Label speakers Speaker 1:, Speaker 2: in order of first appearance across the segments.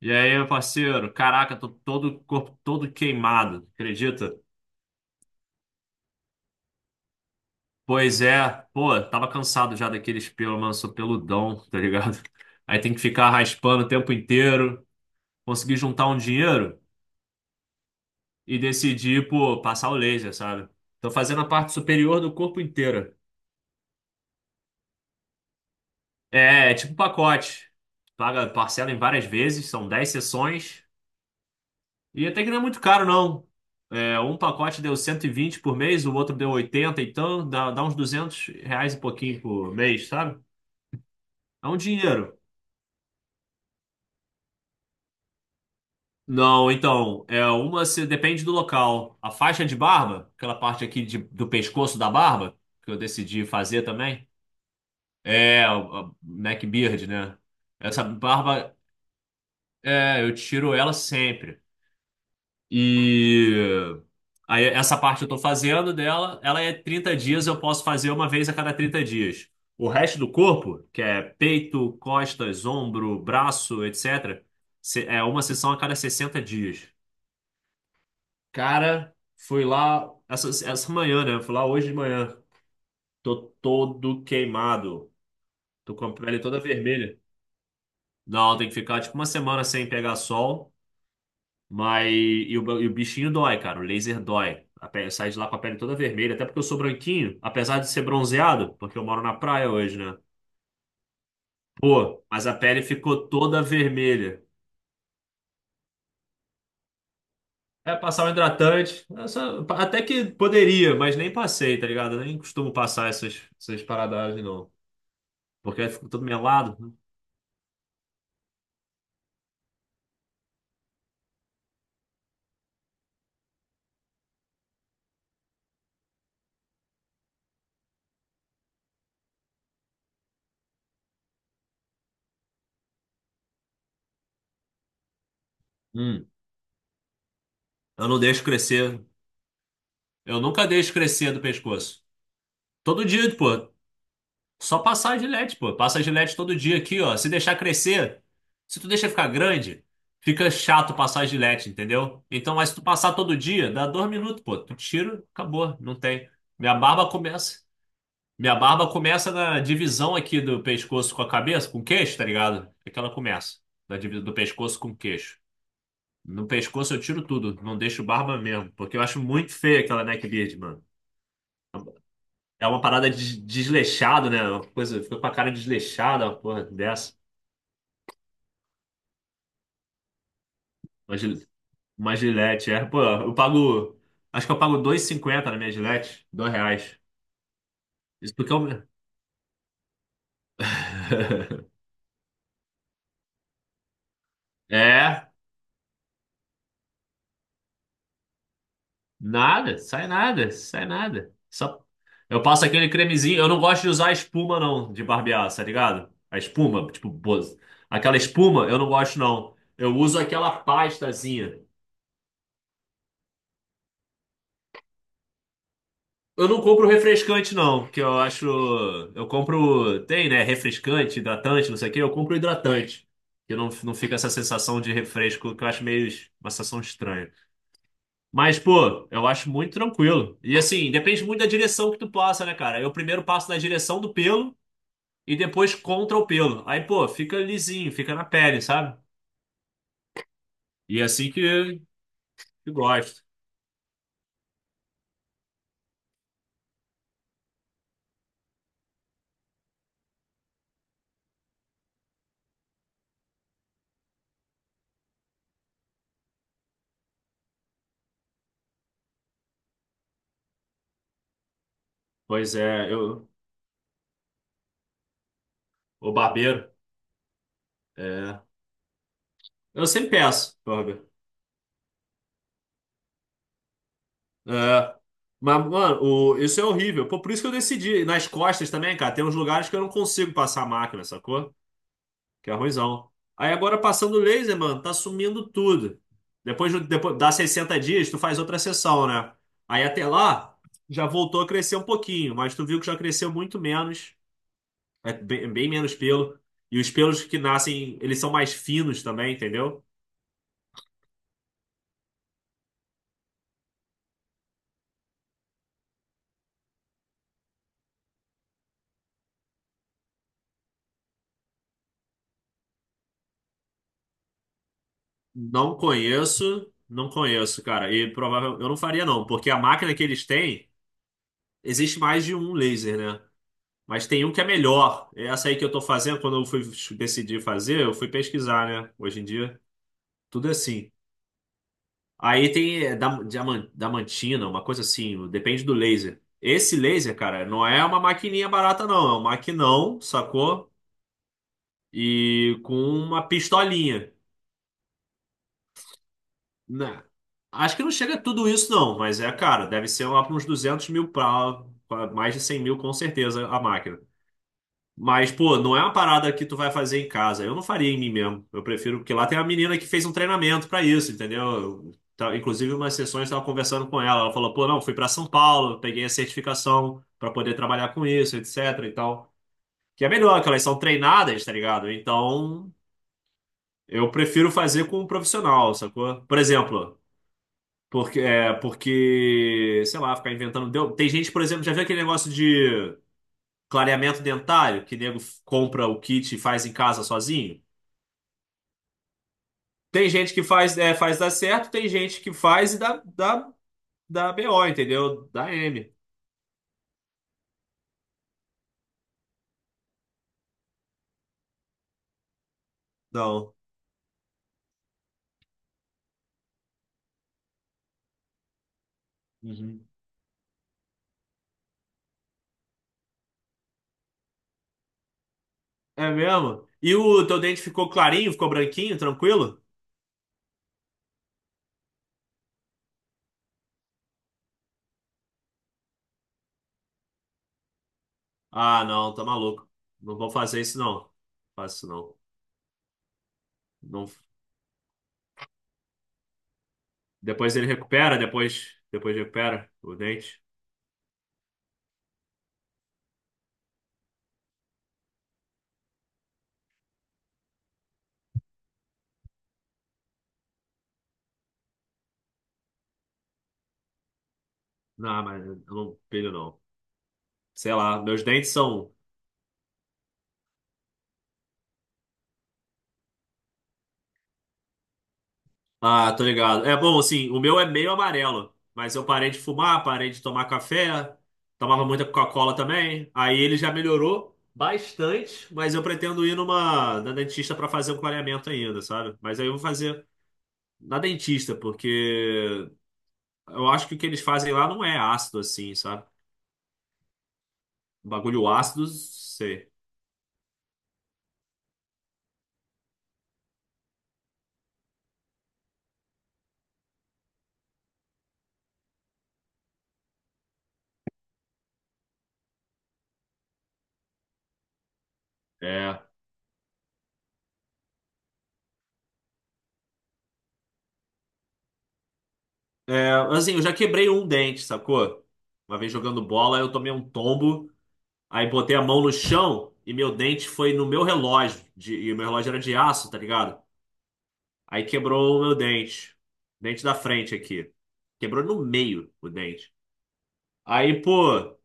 Speaker 1: E aí, meu parceiro? Caraca, tô todo corpo todo queimado, acredita? Pois é, pô, tava cansado já daqueles pelos, mano, sou peludão, tá ligado? Aí tem que ficar raspando o tempo inteiro, consegui juntar um dinheiro e decidi, pô, passar o laser, sabe? Tô fazendo a parte superior do corpo inteiro. É tipo pacote. Paga parcela em várias vezes, são 10 sessões. E até que não é muito caro, não. É, um pacote deu 120 por mês, o outro deu 80, então dá, uns R$ 200 e pouquinho por mês, sabe? É um dinheiro. Não, então, é uma se depende do local. A faixa de barba, aquela parte aqui do pescoço da barba, que eu decidi fazer também, é a neck beard, né? Essa barba, é, eu tiro ela sempre. E aí essa parte eu tô fazendo dela, ela é 30 dias, eu posso fazer uma vez a cada 30 dias. O resto do corpo, que é peito, costas, ombro, braço, etc., é uma sessão a cada 60 dias. Cara, fui lá essa manhã, né? Fui lá hoje de manhã. Tô todo queimado. Tô com a pele toda vermelha. Não, tem que ficar tipo uma semana sem pegar sol. Mas e o bichinho dói, cara. O laser dói. A pele, sai de lá com a pele toda vermelha. Até porque eu sou branquinho, apesar de ser bronzeado, porque eu moro na praia hoje, né? Pô, mas a pele ficou toda vermelha. É, passar um hidratante. Até que poderia, mas nem passei, tá ligado? Eu nem costumo passar essas paradas, não. Porque aí fica todo melado. Hum, eu não deixo crescer. Eu nunca deixo crescer do pescoço. Todo dia, pô. Só passar a Gillette, pô. Passa a Gillette todo dia aqui, ó. Se deixar crescer, se tu deixa ficar grande, fica chato passar a Gillette, entendeu? Então, mas se tu passar todo dia, dá 2 minutos, pô. Tu tira, acabou, não tem. Minha barba começa. Minha barba começa na divisão aqui do pescoço com a cabeça, com o queixo, tá ligado? É que ela começa. Da divisão do pescoço com o queixo. No pescoço eu tiro tudo, não deixo barba mesmo, porque eu acho muito feia aquela neckbeard, mano. É uma parada de desleixado, né? Uma coisa, fica com a cara desleixada, uma porra dessa. Uma, gil- uma gilete, é. Pô, eu pago. Acho que eu pago 2,50 na minha gilete. R$ 2. Isso porque eu. É, nada, sai nada, sai nada. Só. Eu passo aquele cremezinho. Eu não gosto de usar espuma, não, de barbear, tá ligado? A espuma, tipo, aquela espuma, eu não gosto, não. Eu uso aquela pastazinha. Eu não compro refrescante, não, que eu acho. Eu compro. Tem, né? Refrescante, hidratante, não sei o quê. Eu compro hidratante. Que não fica essa sensação de refresco, que eu acho meio uma sensação estranha. Mas, pô, eu acho muito tranquilo. E assim, depende muito da direção que tu passa, né, cara? Eu primeiro passo na direção do pelo e depois contra o pelo. Aí, pô, fica lisinho, fica na pele, sabe? E é assim que gosto. Pois é, eu. O barbeiro. É. Eu sempre peço, barbeiro. É. Mas, mano, isso é horrível. Pô, por isso que eu decidi. E nas costas também, cara, tem uns lugares que eu não consigo passar a máquina, sacou? Que é ruimzão. Aí agora passando o laser, mano, tá sumindo tudo. Depois, depois dá 60 dias, tu faz outra sessão, né? Aí até lá, já voltou a crescer um pouquinho, mas tu viu que já cresceu muito menos. É bem, bem menos pelo. E os pelos que nascem, eles são mais finos também, entendeu? Não conheço, não conheço, cara. E provavelmente eu não faria, não, porque a máquina que eles têm. Existe mais de um laser, né? Mas tem um que é melhor. É essa aí que eu tô fazendo, quando eu fui decidir fazer, eu fui pesquisar, né? Hoje em dia, tudo é assim. Aí tem é, diamantina, uma coisa assim, depende do laser. Esse laser, cara, não é uma maquininha barata, não. É um maquinão, sacou? E com uma pistolinha. Né? Acho que não chega a tudo isso, não. Mas é, cara, deve ser lá para uns 200 mil pra, mais de 100 mil, com certeza, a máquina. Mas, pô, não é uma parada que tu vai fazer em casa. Eu não faria em mim mesmo. Eu prefiro, porque lá tem uma menina que fez um treinamento pra isso, entendeu? Eu, tá- inclusive, umas sessões eu estava conversando com ela. Ela falou, pô, não, fui pra São Paulo, peguei a certificação pra poder trabalhar com isso, etc. e tal. Que é melhor, que elas são treinadas, tá ligado? Então, eu prefiro fazer com um profissional, sacou? Por exemplo, porque, é, porque, sei lá, ficar inventando. Tem gente, por exemplo, já viu aquele negócio de. Clareamento dentário, que nego compra o kit e faz em casa sozinho. Tem gente que faz, é, faz dar certo, tem gente que faz e dá, dá BO, entendeu? Dá M. Não. Uhum. É mesmo? E o teu dente ficou clarinho, ficou branquinho, tranquilo? Ah, não, tá maluco. Não vou fazer isso, não. Faço isso, não. Não. Depois ele recupera, depois recupera o dente. Não, mas eu não pilho, não. Sei lá, meus dentes são. Ah, tô ligado. É bom, assim, o meu é meio amarelo, mas eu parei de fumar, parei de tomar café, tomava muita Coca-Cola também. Aí ele já melhorou bastante, mas eu pretendo ir numa na dentista pra fazer um clareamento ainda, sabe? Mas aí eu vou fazer na dentista, porque eu acho que o que eles fazem lá não é ácido assim, sabe? Bagulho ácido, sei. É, É, assim, eu já quebrei um dente, sacou? Uma vez jogando bola, eu tomei um tombo. Aí botei a mão no chão e meu dente foi no meu relógio. E o meu relógio era de aço, tá ligado? Aí quebrou o meu dente. Dente da frente aqui. Quebrou no meio o dente. Aí, pô.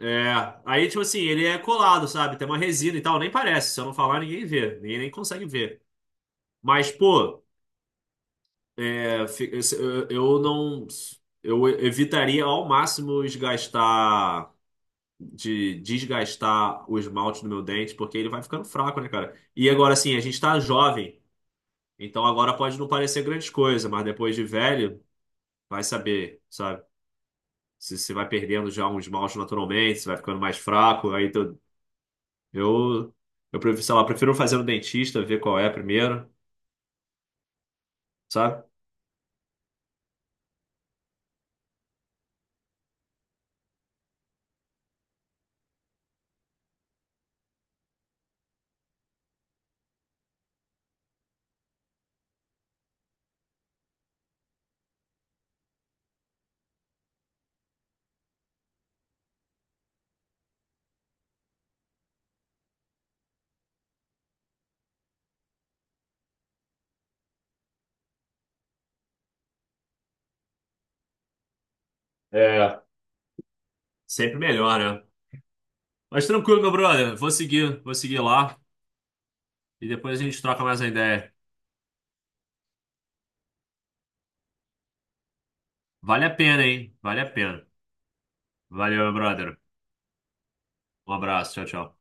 Speaker 1: É. Aí, tipo assim, ele é colado, sabe? Tem uma resina e tal. Nem parece. Se eu não falar, ninguém vê. Ninguém nem consegue ver. Mas, pô. é, fi- eu não. Eu evitaria ao máximo gastar de desgastar o esmalte do meu dente, porque ele vai ficando fraco, né, cara? E agora, assim, a gente tá jovem, então agora pode não parecer grande coisa, mas depois de velho, vai saber, sabe? Se você vai perdendo já um esmalte naturalmente, se vai ficando mais fraco, eu, eu prefiro, sei lá, prefiro fazer no dentista, ver qual é primeiro, sabe? É, sempre melhor, né? Mas tranquilo, meu brother, vou seguir lá e depois a gente troca mais uma ideia. Vale a pena, hein? Vale a pena. Valeu, meu brother. Um abraço, tchau, tchau.